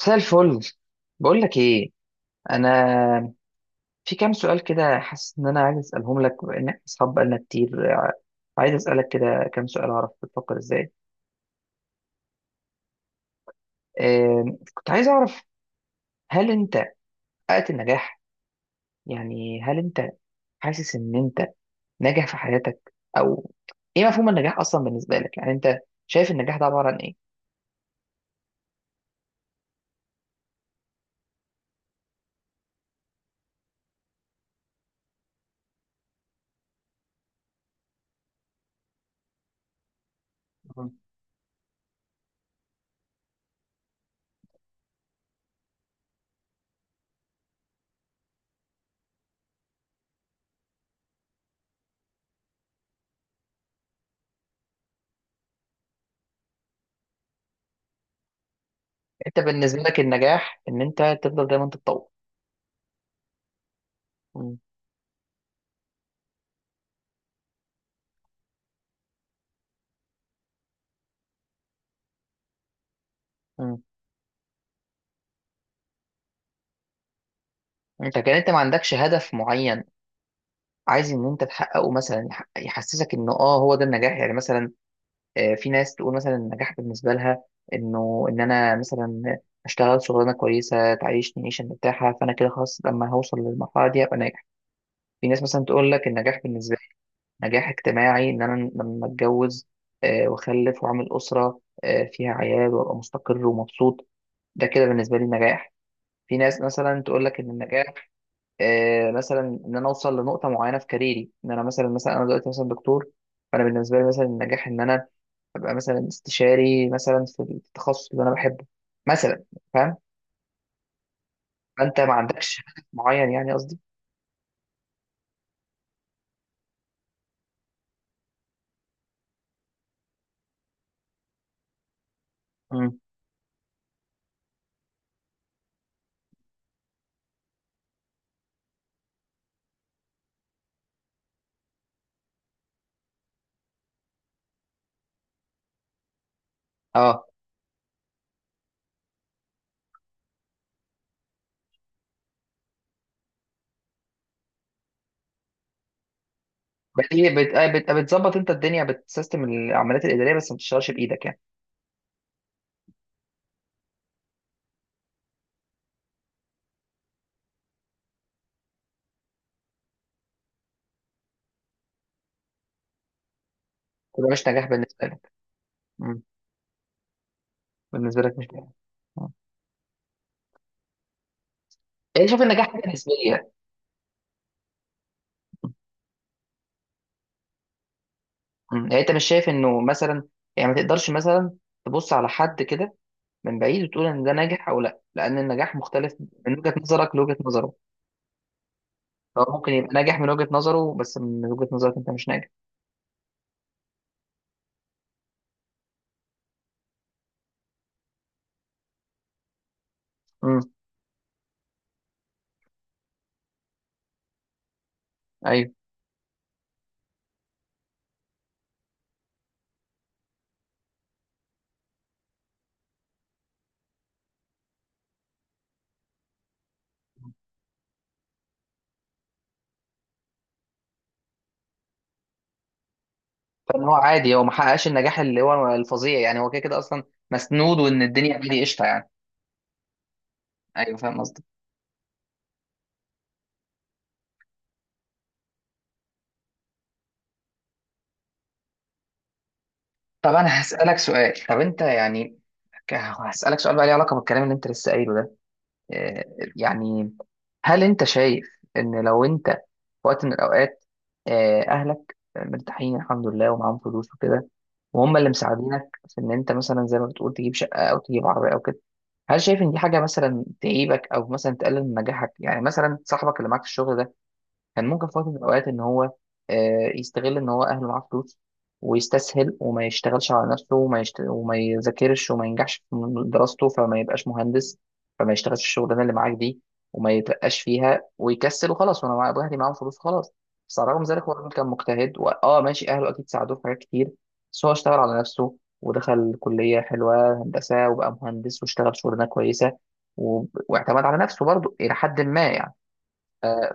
مساء الفل. بقول لك ايه، انا في كام سؤال كده حاسس ان انا عايز اسالهم لك بما ان احنا اصحاب بقالنا كتير. عايز اسالك كده كام سؤال اعرف بتفكر ازاي. كنت عايز اعرف، هل انت حققت النجاح؟ يعني هل انت حاسس ان انت ناجح في حياتك؟ او ايه مفهوم النجاح اصلا بالنسبه لك؟ يعني انت شايف النجاح ده عباره عن ايه؟ مم. انت بالنسبه لك النجاح ان انت تفضل دايما تتطور. م- م. انت كان انت ما عندكش هدف معين عايز ان انت تحققه مثلا، يحسسك انه هو ده النجاح يعني. مثلا في ناس تقول مثلا النجاح بالنسبه لها انه ان انا مثلا اشتغل شغلانه كويسه تعيشني عيشه مرتاحه، فانا كده خلاص لما هوصل للمرحله دي هبقى ناجح. في ناس مثلا تقول لك النجاح بالنسبه لي نجاح اجتماعي، ان انا لما اتجوز واخلف واعمل اسره فيها عيال وابقى مستقر ومبسوط، ده كده بالنسبه لي نجاح. في ناس مثلا تقول لك ان النجاح مثلا ان انا اوصل لنقطه معينه في كاريري، ان انا مثلا انا دلوقتي مثلا دكتور، فانا بالنسبه لي مثلا النجاح ان انا ابقى مثلا استشاري مثلا في التخصص اللي انا بحبه مثلا. فاهم؟ فانت ما عندكش هدف معين يعني، قصدي. مم. اه، بتظبط انت الدنيا بتسيستم العمليات الاداريه، بس ما بتشتغلش بايدك يعني. يبقى مش نجاح بالنسبه لك. مم. بالنسبه لك مش نجاح. آه. يعني شايف النجاح حاجه نسبيه. مم. يعني انت مش شايف انه مثلا يعني ما تقدرش مثلا تبص على حد كده من بعيد وتقول ان ده ناجح او لا، لان النجاح مختلف من وجهة نظرك لوجهة نظره، فهو ممكن يبقى ناجح من وجهة نظره بس من وجهة نظرك انت مش ناجح. امم. ايوه، فان هو عادي، هو ما حققش النجاح اللي هو الفظيع يعني، هو كده كده اصلا مسنود، وان الدنيا عادي قشطه يعني. ايوه فاهم قصدك. طب انا هسألك سؤال، طب انت يعني، هسألك سؤال بقى ليه علاقة بالكلام اللي انت لسه قايله ده. آه، يعني هل انت شايف ان لو انت في وقت من الاوقات اهلك مرتاحين الحمد لله ومعاهم فلوس وكده، وهم اللي مساعدينك في ان انت مثلا زي ما بتقول تجيب شقه او تجيب عربيه او كده، هل شايف ان دي حاجه مثلا تعيبك او مثلا تقلل من نجاحك؟ يعني مثلا صاحبك اللي معاك في الشغل ده كان ممكن في وقت من الأوقات إن هو يستغل إن هو أهله معاه فلوس، ويستسهل وما يشتغلش على نفسه وما يذاكرش وما ينجحش في دراسته، فما يبقاش مهندس، فما يشتغلش في الشغلانة اللي معاك دي، وما يترقاش فيها ويكسل وخلاص وأنا مع أهلي معاهم فلوس خلاص. بس على الرغم من ذلك هو الراجل كان مجتهد وآه ماشي، أهله أكيد ساعدوه في حاجات كتير بس هو اشتغل على نفسه، ودخل كلية حلوة هندسة وبقى مهندس واشتغل شغلانة كويسة، واعتمد على نفسه برضه إلى حد ما يعني. آه،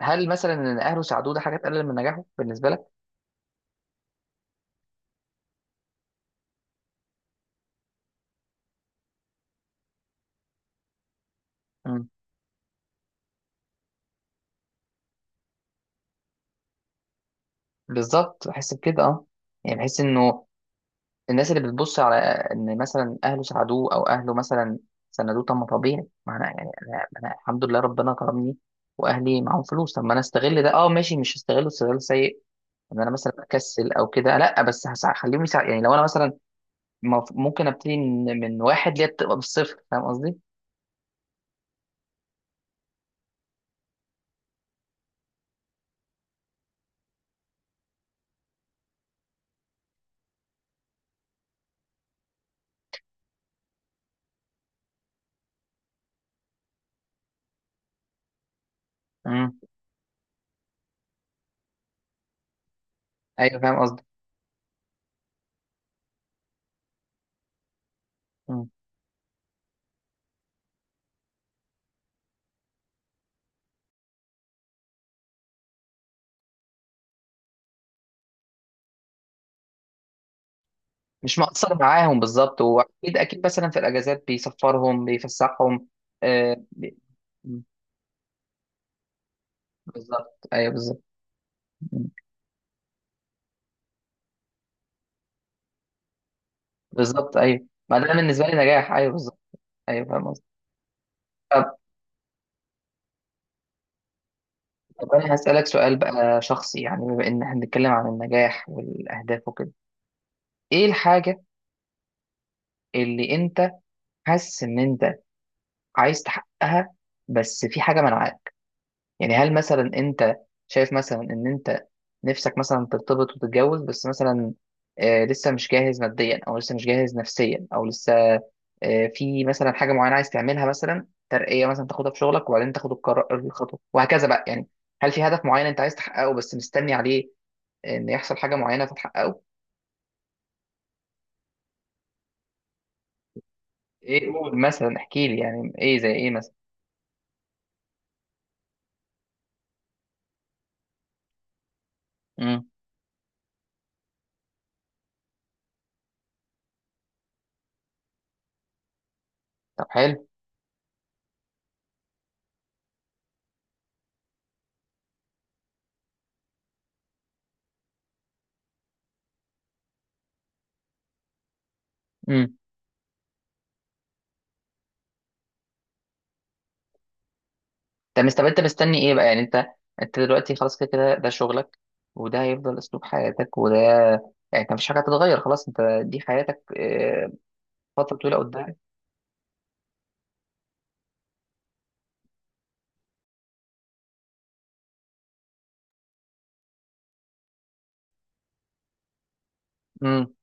فهل مثلا ان اهله ساعدوه ده حاجه تقلل من نجاحه بالنسبه لك؟ مم. بالظبط، بحس بكده اه، يعني بحس انه الناس اللي بتبص على ان مثلا اهله ساعدوه او اهله مثلا سندوه. طب ما طبيعي ما انا أنا الحمد لله ربنا كرمني واهلي معاهم فلوس، طب ما انا استغل ده، اه ماشي، مش هستغله استغلال سيء ان انا مثلا اكسل او كده لا، بس هخليهم يساعد يعني. لو انا مثلا ممكن ابتدي من واحد ليه بتبقى بالصفر، فاهم قصدي؟ مم. ايوه فاهم قصدي. مش مقصر معاهم بالظبط، واكيد اكيد مثلا في الاجازات بيسفرهم بيفسحهم. آه بي- بالظبط، ايوه بالظبط. بالظبط، ايوه، ما ده بالنسبه لي نجاح، ايوه بالظبط. ايوه فاهم قصدي. طب طب انا هسالك سؤال بقى شخصي، يعني بما ان احنا بنتكلم عن النجاح والاهداف وكده، ايه الحاجه اللي انت حاسس ان انت عايز تحققها بس في حاجه منعاك؟ يعني هل مثلا انت شايف مثلا ان انت نفسك مثلا ترتبط وتتجوز، بس مثلا لسه مش جاهز ماديا، او لسه مش جاهز نفسيا، او لسه في مثلا حاجه معينه عايز تعملها مثلا، ترقيه مثلا تاخدها في شغلك وبعدين تاخد القرار الخطوه وهكذا بقى يعني؟ هل في هدف معين انت عايز تحققه بس مستني عليه ان يحصل حاجه معينه فتحققه؟ ايه، قول مثلا، احكي لي يعني، ايه زي ايه مثلا؟ امم. طب حلو. امم. طب طب انت مستني ايه بقى؟ يعني انت دلوقتي خلاص كده كده ده شغلك، وده هيفضل اسلوب حياتك، وده يعني انت مفيش حاجه هتتغير خلاص، انت دي حياتك فتره طويله قدام؟ امم.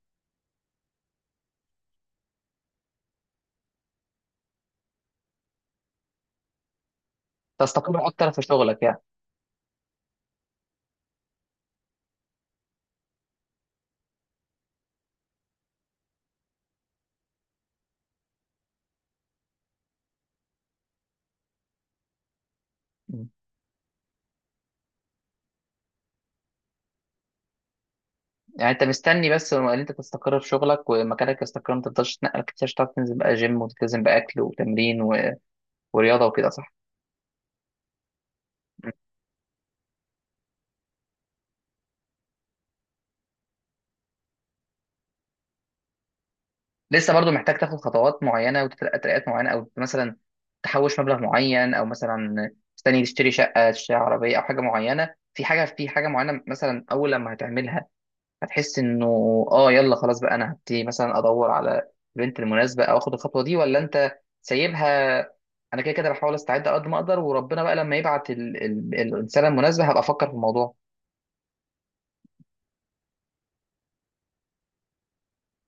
تستقر اكتر في شغلك يعني. مم. يعني انت مستني بس ان انت تستقر في شغلك ومكانك يستقر، ما تفضلش تتنقل كتير، عشان تعرف تنزل بقى جيم وتلتزم باكل وتمرين ورياضه وكده، صح؟ لسه برضو محتاج تاخد خطوات معينه وترقيات معينه، او مثلا تحوش مبلغ معين، او مثلا مستني تشتري شقه تشتري عربيه، او حاجه معينه في حاجه معينه مثلا اول لما هتعملها هتحس انه اه يلا خلاص بقى، انا هبتدي مثلا ادور على البنت المناسبه او اخد الخطوه دي، ولا انت سايبها انا كده كده بحاول استعد على قد ما اقدر، وربنا بقى لما يبعت الانسانه المناسبه هبقى افكر في الموضوع؟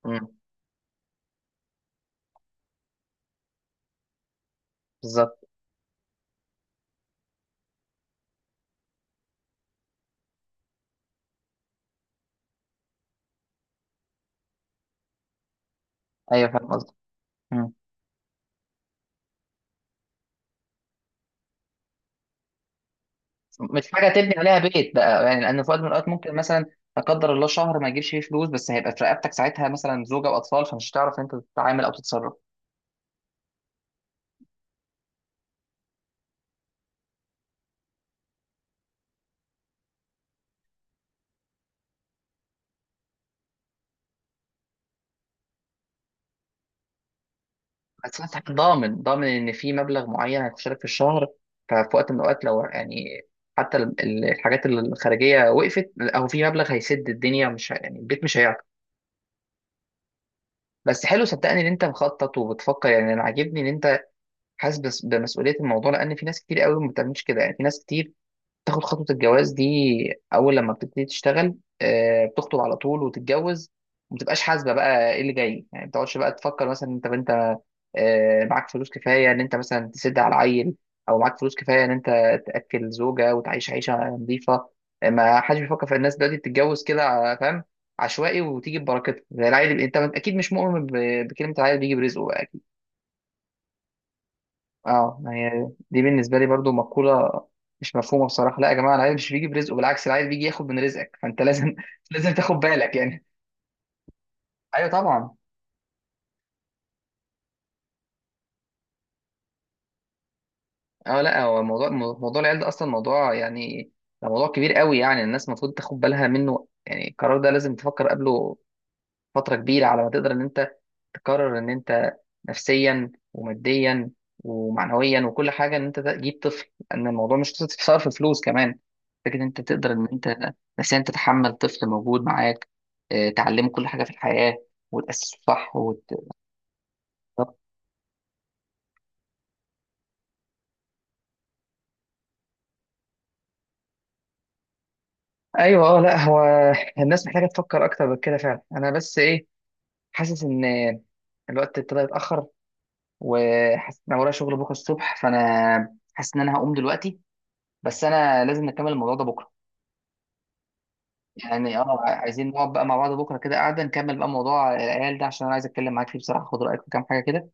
امم. بالظبط، ايوه فاهم قصدك. مش حاجه تبني عليها بيت بقى يعني، لان في وقت من الاوقات ممكن مثلا، لا قدر الله، شهر ما يجيبش فيه فلوس، بس هيبقى في رقبتك ساعتها مثلا زوجه واطفال، فمش هتعرف انت تتعامل او تتصرف. بس انت ضامن ضامن ان في مبلغ معين هيخش لك في الشهر، ففي وقت من الاوقات لو يعني حتى الحاجات الخارجيه وقفت، او في مبلغ هيسد الدنيا مش يعني البيت مش هيعطل. بس حلو، صدقني ان انت مخطط وبتفكر، يعني انا عاجبني ان انت حاسس بمسؤوليه الموضوع، لان في ناس كتير قوي ما بتعملش كده، يعني في ناس كتير تاخد خطوة الجواز دي أول لما بتبتدي تشتغل، بتخطب على طول وتتجوز، ومتبقاش حاسبة بقى إيه اللي جاي، يعني ما بتقعدش بقى تفكر، مثلا أنت معاك فلوس كفاية إن أنت مثلا تسد على عيل، أو معاك فلوس كفاية إن أنت تأكل زوجة وتعيش عيشة نظيفة. ما حدش بيفكر، في الناس دلوقتي بتتجوز كده فاهم، عشوائي وتيجي ببركتها زي العيل. أنت أكيد مش مؤمن بكلمة العيل بيجي برزقه؟ اه، ما هي دي بالنسبه لي برضو مقوله مش مفهومه بصراحه. لا يا جماعه، العيل مش بيجي برزقه، بالعكس العيل بيجي ياخد من رزقك، فانت لازم لازم تاخد بالك يعني. ايوه طبعا. اه لا، هو موضوع العيال ده اصلا موضوع يعني، ده موضوع كبير قوي، يعني الناس المفروض تاخد بالها منه، يعني القرار ده لازم تفكر قبله فترة كبيرة على ما تقدر إن أنت تقرر إن أنت نفسيا وماديا ومعنويا وكل حاجة إن أنت تجيب طفل، لأن الموضوع مش قصة في فلوس كمان، فكرة إن أنت تقدر إن أنت نفسيا تتحمل طفل موجود معاك، تعلمه كل حاجة في الحياة وتأسسه صح طب- أيوه. لا، هو الناس محتاجة تفكر أكتر من كده فعلا. أنا بس إيه، حاسس إن الوقت ابتدى يتأخر، وحاسس إن أنا ورايا شغل بكرة الصبح، فأنا حاسس إن أنا هقوم دلوقتي، بس انا لازم نكمل الموضوع ده بكره. يعني اه عايزين نقعد بقى مع بعض بكره كده، قاعده نكمل بقى موضوع العيال ده، عشان انا عايز اتكلم معاك فيه بصراحه، خد رايك في كام حاجه كده،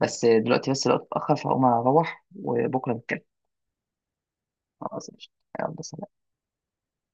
بس دلوقتي بس الوقت اتاخر، فهقوم اروح وبكره نتكلم. خلاص قشطة. يلا سلام.